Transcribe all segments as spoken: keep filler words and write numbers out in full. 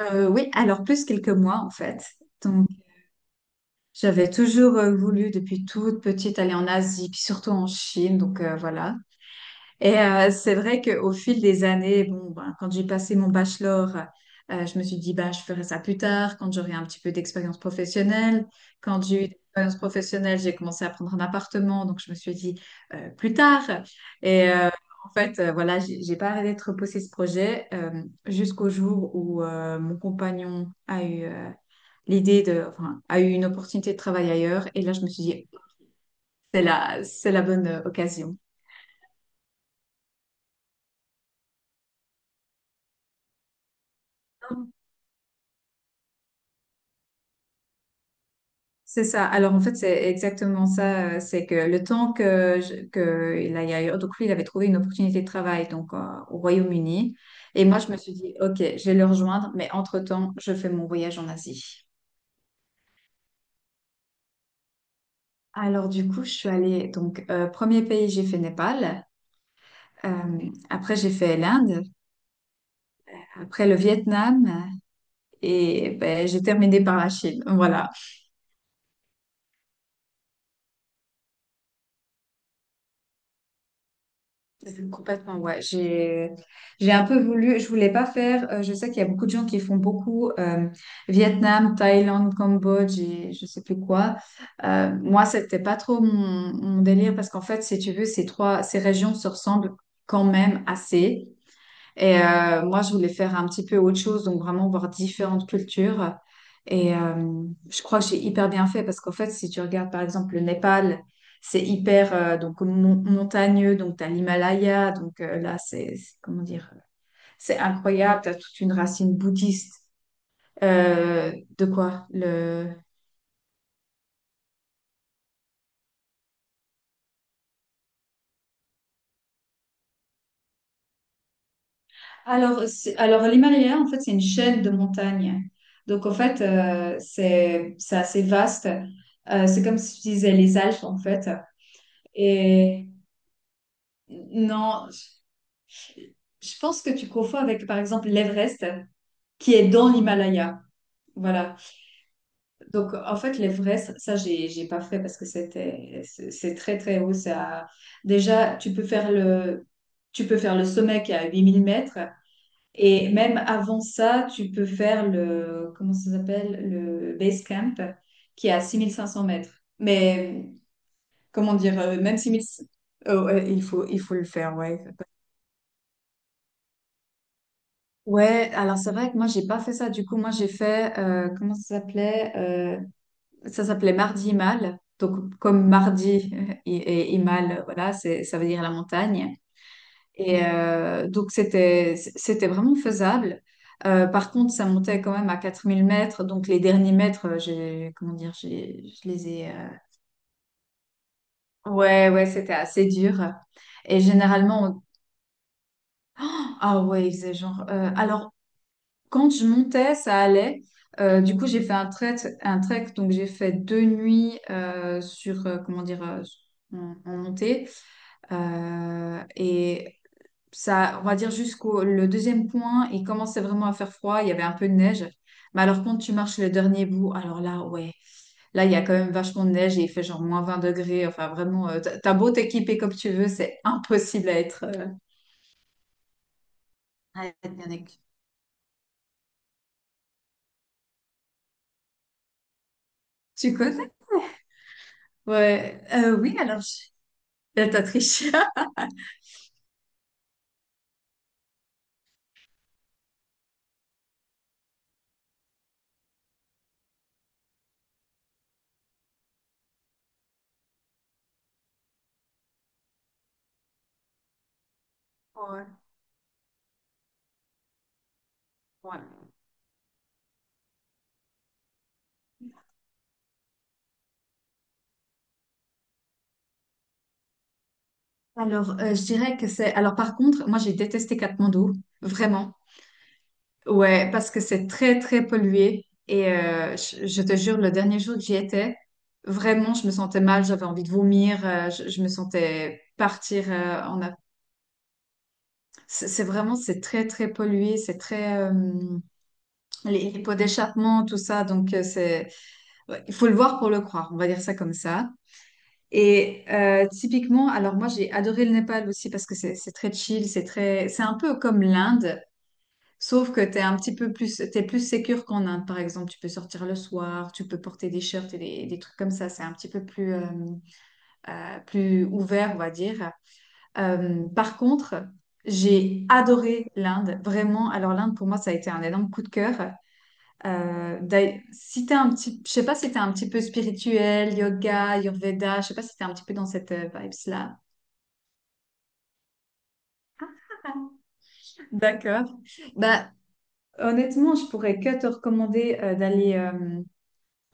Euh, oui, alors plus quelques mois en fait. Donc j'avais toujours euh, voulu depuis toute petite aller en Asie, puis surtout en Chine. Donc euh, voilà. Et euh, c'est vrai qu'au fil des années, bon, ben, quand j'ai passé mon bachelor, euh, je me suis dit, bah, je ferai ça plus tard, quand j'aurai un petit peu d'expérience professionnelle. Quand j'ai eu de l'expérience professionnelle, j'ai commencé à prendre un appartement, donc je me suis dit, euh, plus tard. Et euh, en fait, euh, voilà, j'ai j'ai pas arrêté de repousser ce projet euh, jusqu'au jour où euh, mon compagnon a eu euh, l'idée de, enfin, a eu une opportunité de travail ailleurs. Et là, je me suis dit, c'est la, c'est la bonne euh, occasion. C'est ça. Alors en fait, c'est exactement ça. euh, C'est que le temps que, je- que il aille ailleurs, donc lui, il avait trouvé une opportunité de travail donc euh, au Royaume-Uni. Et moi, je me suis dit, OK, je vais le rejoindre, mais entre-temps, je fais mon voyage en Asie. Alors du coup, je suis allée, donc euh, premier pays, j'ai fait Népal. Euh, après, j'ai fait l'Inde. Après, le Vietnam. Et ben, j'ai terminé par la Chine. Voilà. Mhm, complètement, ouais. J'ai, j'ai un peu voulu, je voulais pas faire, euh, je sais qu'il y a beaucoup de gens qui font beaucoup euh, Vietnam, Thaïlande, Cambodge et je sais plus quoi. Euh, moi, c'était pas trop mon, mon délire parce qu'en fait, si tu veux, ces trois, ces régions se ressemblent quand même assez. Et euh, moi, je voulais faire un petit peu autre chose, donc vraiment voir différentes cultures. Et euh, je crois que j'ai hyper bien fait parce qu'en fait, si tu regardes par exemple le Népal, c'est hyper euh, donc mon- montagneux, donc tu as l'Himalaya, donc euh, là, c'est c'est- comment dire, c'est incroyable, tu as toute une racine bouddhiste. Euh, de quoi le... Alors, c'est- alors l'Himalaya, en fait, c'est une chaîne de montagnes. Donc, en fait, euh, c'est c'est assez vaste. Euh, c'est comme si tu disais les Alpes, en fait. Et non, je je pense que tu confonds avec, par exemple, l'Everest, qui est dans l'Himalaya. Voilà. Donc, en fait, l'Everest, ça, j'ai, j'ai pas fait parce que c'était, c'est c'est très, très haut. Ça... Déjà, tu peux faire le, tu peux faire le sommet qui est à huit mille mètres. Et même avant ça, tu peux faire le, comment ça s'appelle, le base camp qui est à six mille cinq cents mètres. Mais, comment dire, euh, même six mille, oh, ouais, il faut, il faut le faire, ouais. Ouais, alors c'est vrai que moi j'ai pas fait ça. Du coup, moi j'ai fait euh, comment ça s'appelait. Euh, Ça s'appelait Mardi Mal. Donc comme mardi et, et, et mal, voilà, c'est ça veut dire la montagne. Et euh, donc c'était c'était vraiment faisable. Euh, par contre, ça montait quand même à quatre mille mètres. Donc les derniers mètres, euh, j'ai comment dire, j'ai je les ai. euh, Ouais, ouais, c'était assez dur. Et généralement, on- ah ouais, il faisait genre. euh, alors Quand je montais, ça allait. Euh, du coup, j'ai fait un trek, Un trek, donc j'ai fait deux nuits euh, sur, euh, comment dire, euh, en, en montée. Euh, et ça, on va dire jusqu'au le deuxième point, il commençait vraiment à faire froid, il y avait un peu de neige. Mais alors, quand tu marches le dernier bout, alors là, ouais, là, il y a quand même vachement de neige et il fait genre moins vingt degrés. Enfin, vraiment, euh, t'as t'as beau t'équiper comme tu veux, c'est impossible à être, euh, à être bien équipé. Tu connais? Ouais, euh, oui, alors, je- là, t'as triché. Ouais, ouais. Alors, euh, je dirais que c'est... Alors, par contre, moi, j'ai détesté Katmandou, vraiment. Ouais, parce que c'est très, très pollué. Et euh, je, je te jure, le dernier jour que j'y étais, vraiment, je me sentais mal, j'avais envie de vomir, euh, je, je me sentais partir euh, en... Af- C'est c'est vraiment, c'est très, très pollué, c'est très... euh, les, les pots d'échappement, tout ça, donc euh, c'est... ouais, il faut le voir pour le croire, on va dire ça comme ça. Et euh, typiquement, alors moi j'ai adoré le Népal aussi parce que c'est c'est très chill, c'est très, c'est un peu comme l'Inde, sauf que t'es un petit peu plus, t'es plus sécure qu'en Inde par exemple. Tu peux sortir le soir, tu peux porter des shirts et des, des trucs comme ça. C'est un petit peu plus euh, euh, plus ouvert, on va dire. Euh, par contre, j'ai adoré l'Inde, vraiment. Alors l'Inde pour moi ça a été un énorme coup de cœur. Euh, d'ail- si t'es un petit, je sais pas si t'es un petit peu spirituel, yoga, Ayurveda, je sais pas si t'es un petit peu dans cette vibe. D'accord. Bah, honnêtement, je pourrais que te recommander euh, d'aller euh,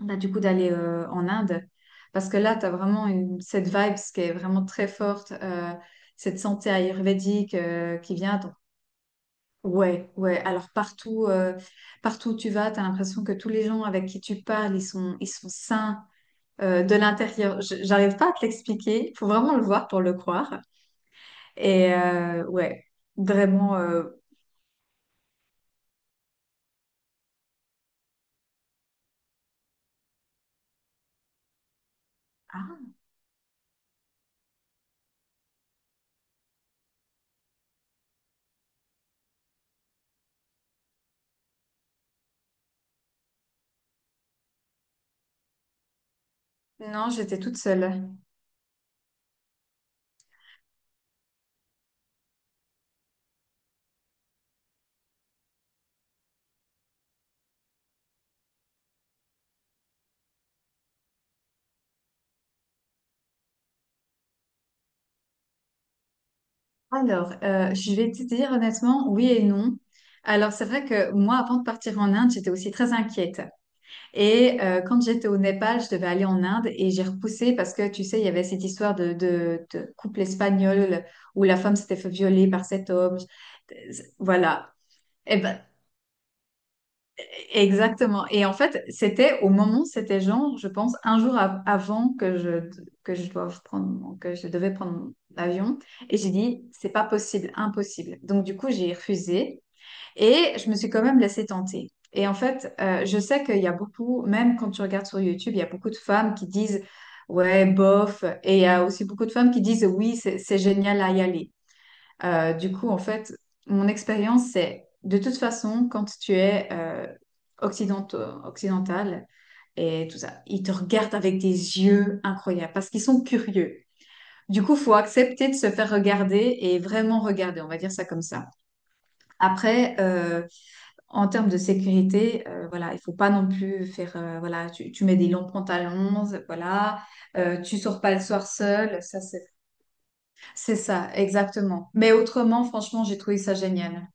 bah, du coup d'aller euh, en Inde parce que là, tu as vraiment une, cette vibe qui est vraiment très forte, euh, cette santé ayurvédique euh, qui vient. Donc, ouais, ouais. Alors partout, euh, partout où tu vas, tu as l'impression que tous les gens avec qui tu parles, ils sont, ils sont sains. Euh, de l'intérieur. Je- J'arrive pas à te l'expliquer. Faut vraiment le voir pour le croire. Et euh, ouais, vraiment. Euh, ah non, j'étais toute seule. Alors, euh, je vais te dire honnêtement, oui et non. Alors, c'est vrai que moi, avant de partir en Inde, j'étais aussi très inquiète. Et euh, quand j'étais au Népal, je devais aller en Inde et j'ai repoussé parce que, tu sais, il y avait cette histoire de, de, de couple espagnol où la femme s'était fait violer par cet homme. Voilà. Et ben, exactement. Et en fait, c'était au moment, c'était genre, je pense, un jour av- avant que je, que je doive prendre, mon- que je devais prendre mon avion. Et j'ai dit, c'est pas possible, impossible. Donc, du coup, j'ai refusé et je me suis quand même laissée tenter. Et en fait, euh, je sais qu'il y a beaucoup, même quand tu regardes sur YouTube, il y a beaucoup de femmes qui disent, ouais, bof. Et il y a aussi beaucoup de femmes qui disent, oui, c'est c'est génial à y aller. Euh, du coup, en fait, mon expérience, c'est de toute façon, quand tu es euh, occidentaux- occidental et tout ça, ils te regardent avec des yeux incroyables parce qu'ils sont curieux. Du coup, faut accepter de se faire regarder et vraiment regarder, on va dire ça comme ça. Après, euh, en termes de sécurité, euh, voilà, il faut pas non plus faire, euh, voilà, tu, tu mets des longs pantalons, voilà, euh, tu sors pas le soir seul, ça c'est, c'est ça, exactement. Mais autrement, franchement, j'ai trouvé ça génial.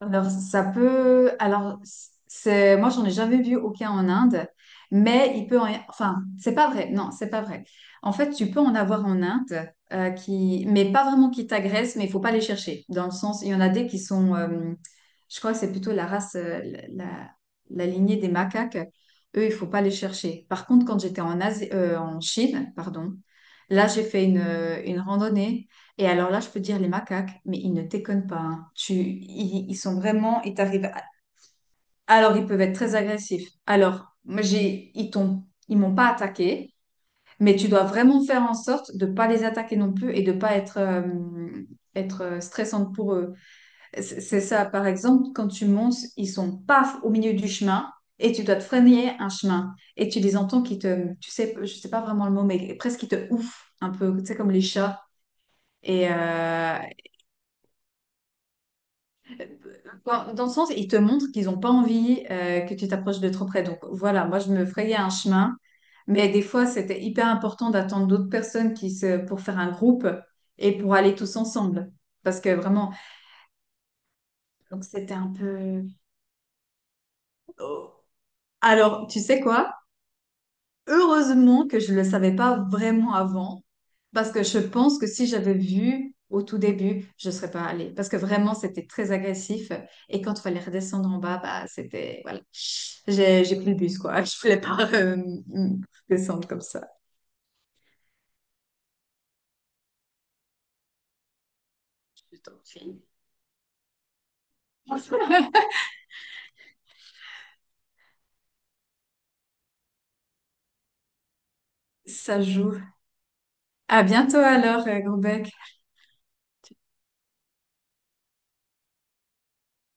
Alors, ça peut. Alors, c'est moi, j'en ai jamais vu aucun en Inde, mais il peut en. Enfin, c'est pas vrai. Non, c'est pas vrai. En fait, tu peux en avoir en Inde, euh, qui... mais pas vraiment qui t'agressent, mais il faut pas les chercher. Dans le sens, il y en a des qui sont. euh, Je crois que c'est plutôt la race, euh, la, la- la lignée des macaques. Eux, il faut pas les chercher. Par contre, quand j'étais en Asie, euh, en Chine, pardon, là, j'ai fait une, euh, une randonnée. Et alors là, je peux te dire les macaques, mais ils ne déconnent pas. Hein. Tu, ils, ils sont vraiment, ils t'arrivent. À- Alors, ils peuvent être très agressifs. Alors, moi, j'ai, ils t'ont, ils m'ont pas attaqué, mais tu dois vraiment faire en sorte de pas les attaquer non plus et de pas être, euh, être euh, stressante pour eux. C'est c'est ça, par exemple, quand tu montes, ils sont paf au milieu du chemin et tu dois te freiner un chemin et tu les entends qui te, tu sais, je sais pas vraiment le mot, mais presque qui te ouf un peu, tu sais, comme les chats. Et, euh, dans dans le sens, ils te montrent qu'ils n'ont pas envie euh, que tu t'approches de trop près. Donc voilà, moi je me frayais un chemin, mais des fois c'était hyper important d'attendre d'autres personnes qui se... pour faire un groupe et pour aller tous ensemble. Parce que vraiment, donc c'était un peu... Oh. Alors, tu sais quoi? Heureusement que je ne le savais pas vraiment avant, parce que je pense que si j'avais vu au tout début, je ne serais pas allée, parce que vraiment, c'était très agressif. Et quand il fallait redescendre en bas, bah, c'était... Voilà. J'ai, j'ai pris le bus, quoi. Je ne voulais pas euh, descendre comme ça. Je t'en prie. Ça joue. À bientôt alors, euh, Gros Bec.